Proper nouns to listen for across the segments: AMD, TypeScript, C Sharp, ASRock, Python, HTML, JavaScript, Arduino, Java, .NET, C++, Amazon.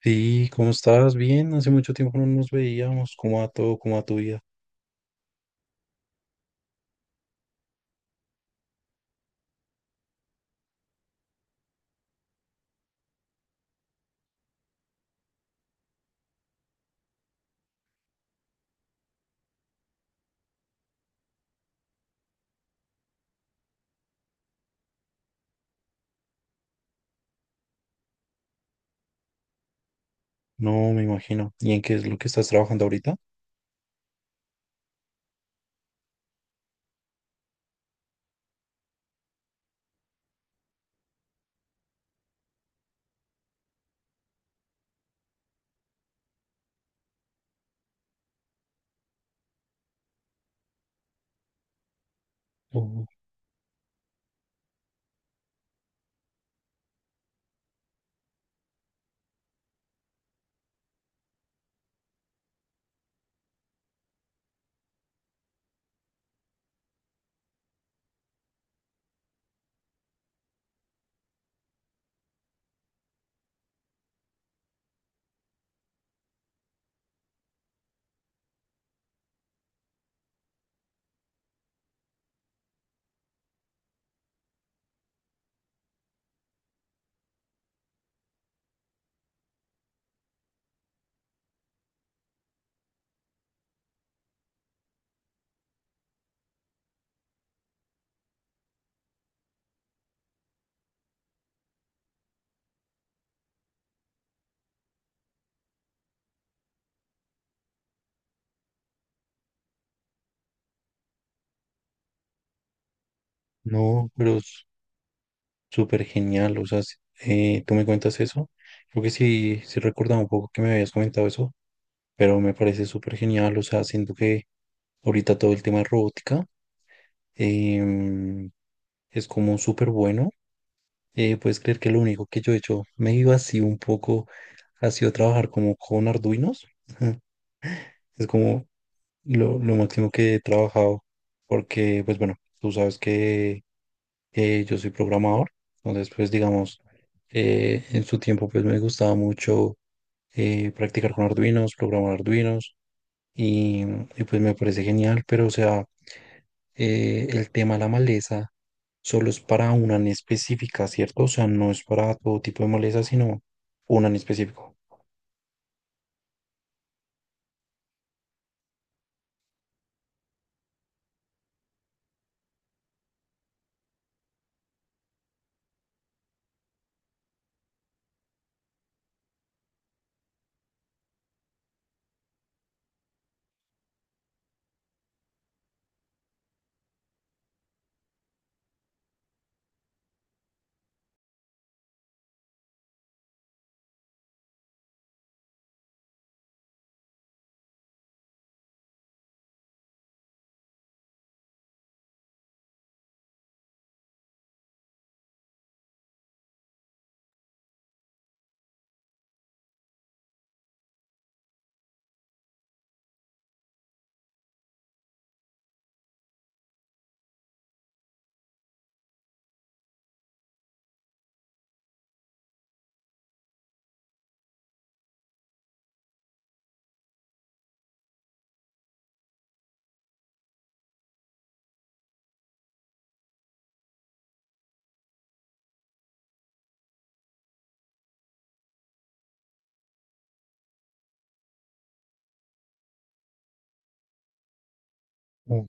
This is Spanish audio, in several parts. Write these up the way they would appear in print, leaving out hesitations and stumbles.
Sí, ¿cómo estás? Bien, hace mucho tiempo no nos veíamos. ¿Cómo va todo? ¿Cómo va tu vida? No, me imagino. ¿Y en qué es lo que estás trabajando ahorita? Oh, no, pero es súper genial. O sea, tú me cuentas eso. Creo que sí, sí recordaba un poco que me habías comentado eso, pero me parece súper genial. O sea, siento que ahorita todo el tema de robótica em, es como súper bueno. Puedes creer que lo único que yo he hecho, me iba así un poco, ha sido trabajar como con Arduinos. Es como lo máximo que he trabajado, porque, pues bueno, tú sabes que yo soy programador, entonces, pues digamos, en su tiempo, pues me gustaba mucho practicar con Arduinos, programar Arduinos, y, y pues me parece genial, pero o sea, el tema de la maleza solo es para una en específica, ¿cierto? O sea, no es para todo tipo de maleza, sino una en específico. Mm.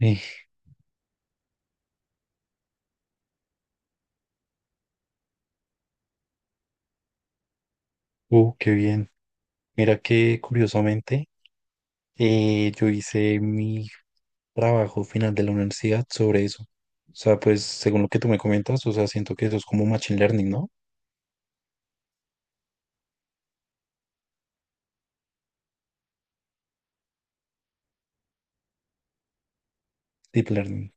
Eh, Qué bien. Mira que curiosamente. Yo hice mi trabajo final de la universidad sobre eso. O sea, pues según lo que tú me comentas, o sea, siento que eso es como machine learning, ¿no? Deep learning.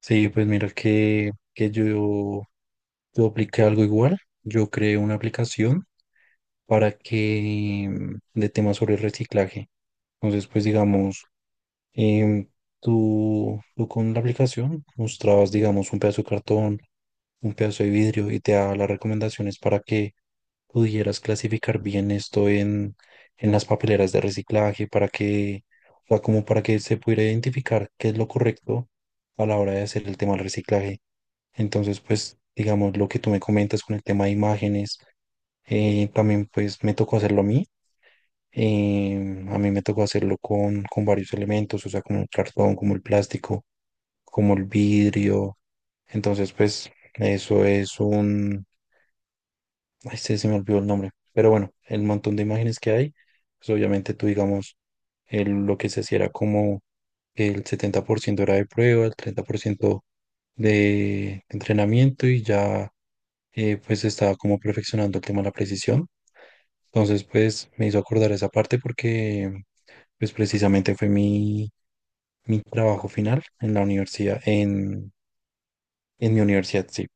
Sí, pues mira que yo apliqué algo igual. Yo creé una aplicación para que de temas sobre reciclaje. Entonces, pues digamos, em, tú con la aplicación mostrabas, digamos, un pedazo de cartón, un pedazo de vidrio y te daba las recomendaciones para que pudieras clasificar bien esto en, las papeleras de reciclaje, para que, o sea, como para que se pudiera identificar qué es lo correcto a la hora de hacer el tema del reciclaje. Entonces, pues, digamos, lo que tú me comentas con el tema de imágenes, también pues me tocó hacerlo a mí. A mí me tocó hacerlo con, varios elementos, o sea, como el cartón, como el plástico, como el vidrio. Entonces, pues, eso es un. Ay, se, me olvidó el nombre. Pero bueno, el montón de imágenes que hay, pues obviamente tú, digamos, el- lo que se hacía era como el 70% era de prueba, el 30% de entrenamiento y ya pues estaba como perfeccionando el tema de la precisión. Entonces pues me hizo acordar esa parte porque pues precisamente fue mi, trabajo final en la universidad, en, mi universidad, sí.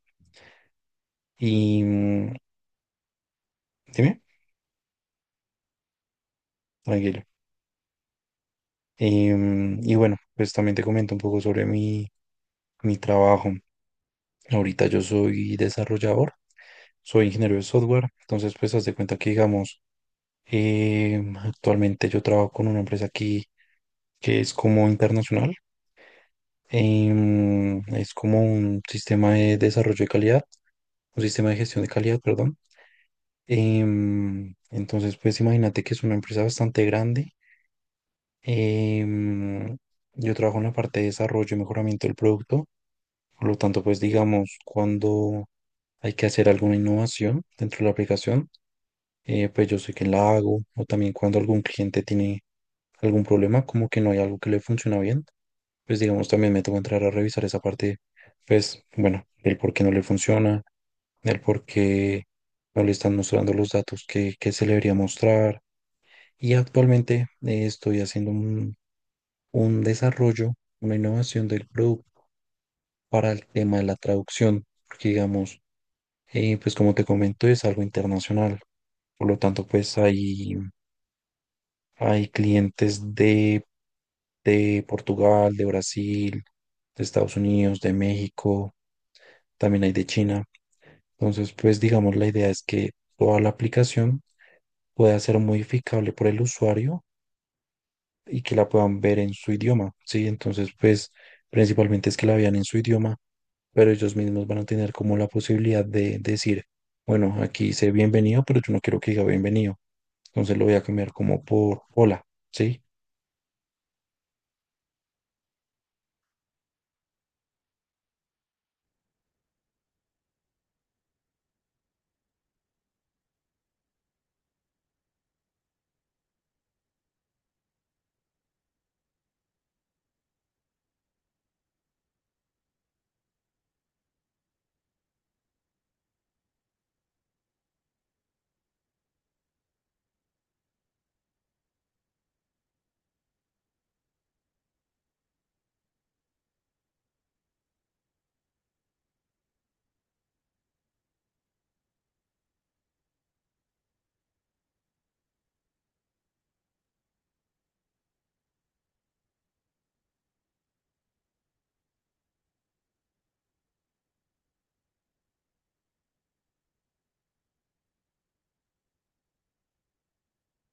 Y dime, tranquilo. Y bueno, pues también te comento un poco sobre mi, trabajo. Ahorita yo soy desarrollador, soy ingeniero de software, entonces pues haz de cuenta que digamos, actualmente yo trabajo con una empresa aquí que es como internacional, es como un sistema de desarrollo de calidad, un sistema de gestión de calidad, perdón. Entonces pues imagínate que es una empresa bastante grande. em, yo trabajo en la parte de desarrollo y mejoramiento del producto. Por lo tanto, pues digamos, cuando hay que hacer alguna innovación dentro de la aplicación, pues yo sé que la hago, o también cuando algún cliente tiene algún problema, como que no hay algo que le funciona bien, pues digamos, también me toca entrar a revisar esa parte, pues bueno, el por qué no le funciona, el por qué no le están mostrando los datos que, se le debería mostrar. Y actualmente estoy haciendo un, desarrollo, una innovación del producto para el tema de la traducción, porque digamos, pues como te comento, es algo internacional. Por lo tanto, pues hay, clientes de, Portugal, de Brasil, de Estados Unidos, de México, también hay de China. Entonces, pues digamos, la idea es que toda la aplicación pueda ser modificable por el usuario y que la puedan ver en su idioma, ¿sí? Entonces, pues principalmente es que la vean en su idioma, pero ellos mismos van a tener como la posibilidad de decir, bueno, aquí dice bienvenido, pero yo no quiero que diga bienvenido, entonces lo voy a cambiar como por hola, ¿sí?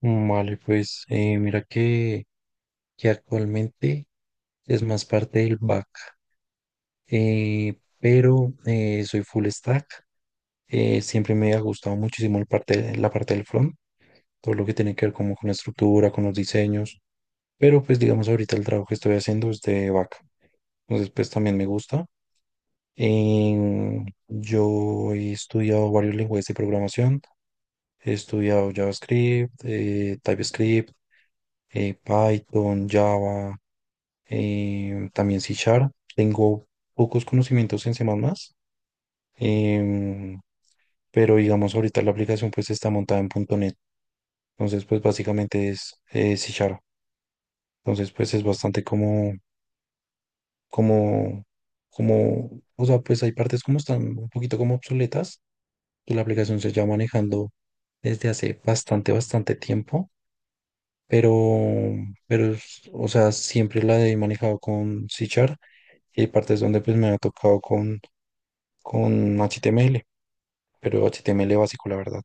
Vale, pues mira que, actualmente es más parte del back, pero soy full stack, siempre me ha gustado muchísimo la parte del front, todo lo que tiene que ver como con la estructura, con los diseños. Pero pues digamos ahorita el trabajo que estoy haciendo es de vaca. Entonces pues también me gusta. Yo he estudiado varios lenguajes de programación. He estudiado JavaScript, TypeScript, Python, Java, también C Sharp. Tengo pocos conocimientos en C++, em, pero digamos ahorita la aplicación pues está montada en punto .NET. Entonces pues básicamente es C Sharp. Entonces pues es bastante como como, o sea, pues hay partes como están un poquito como obsoletas, que la aplicación se lleva manejando desde hace bastante, bastante tiempo, pero, o sea, siempre la he manejado con C Sharp y hay partes donde pues me ha tocado con, HTML, pero HTML básico, la verdad.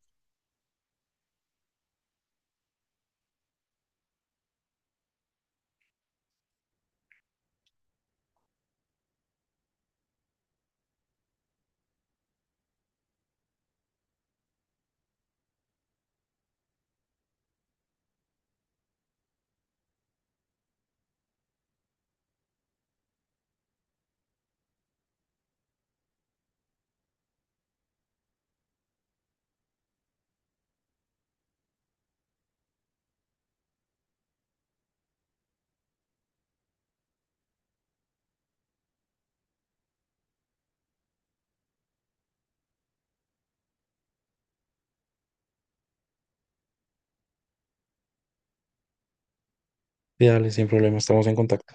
Dale, sin problema, estamos en contacto.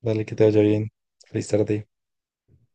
Dale, que te vaya bien. Feliz tarde.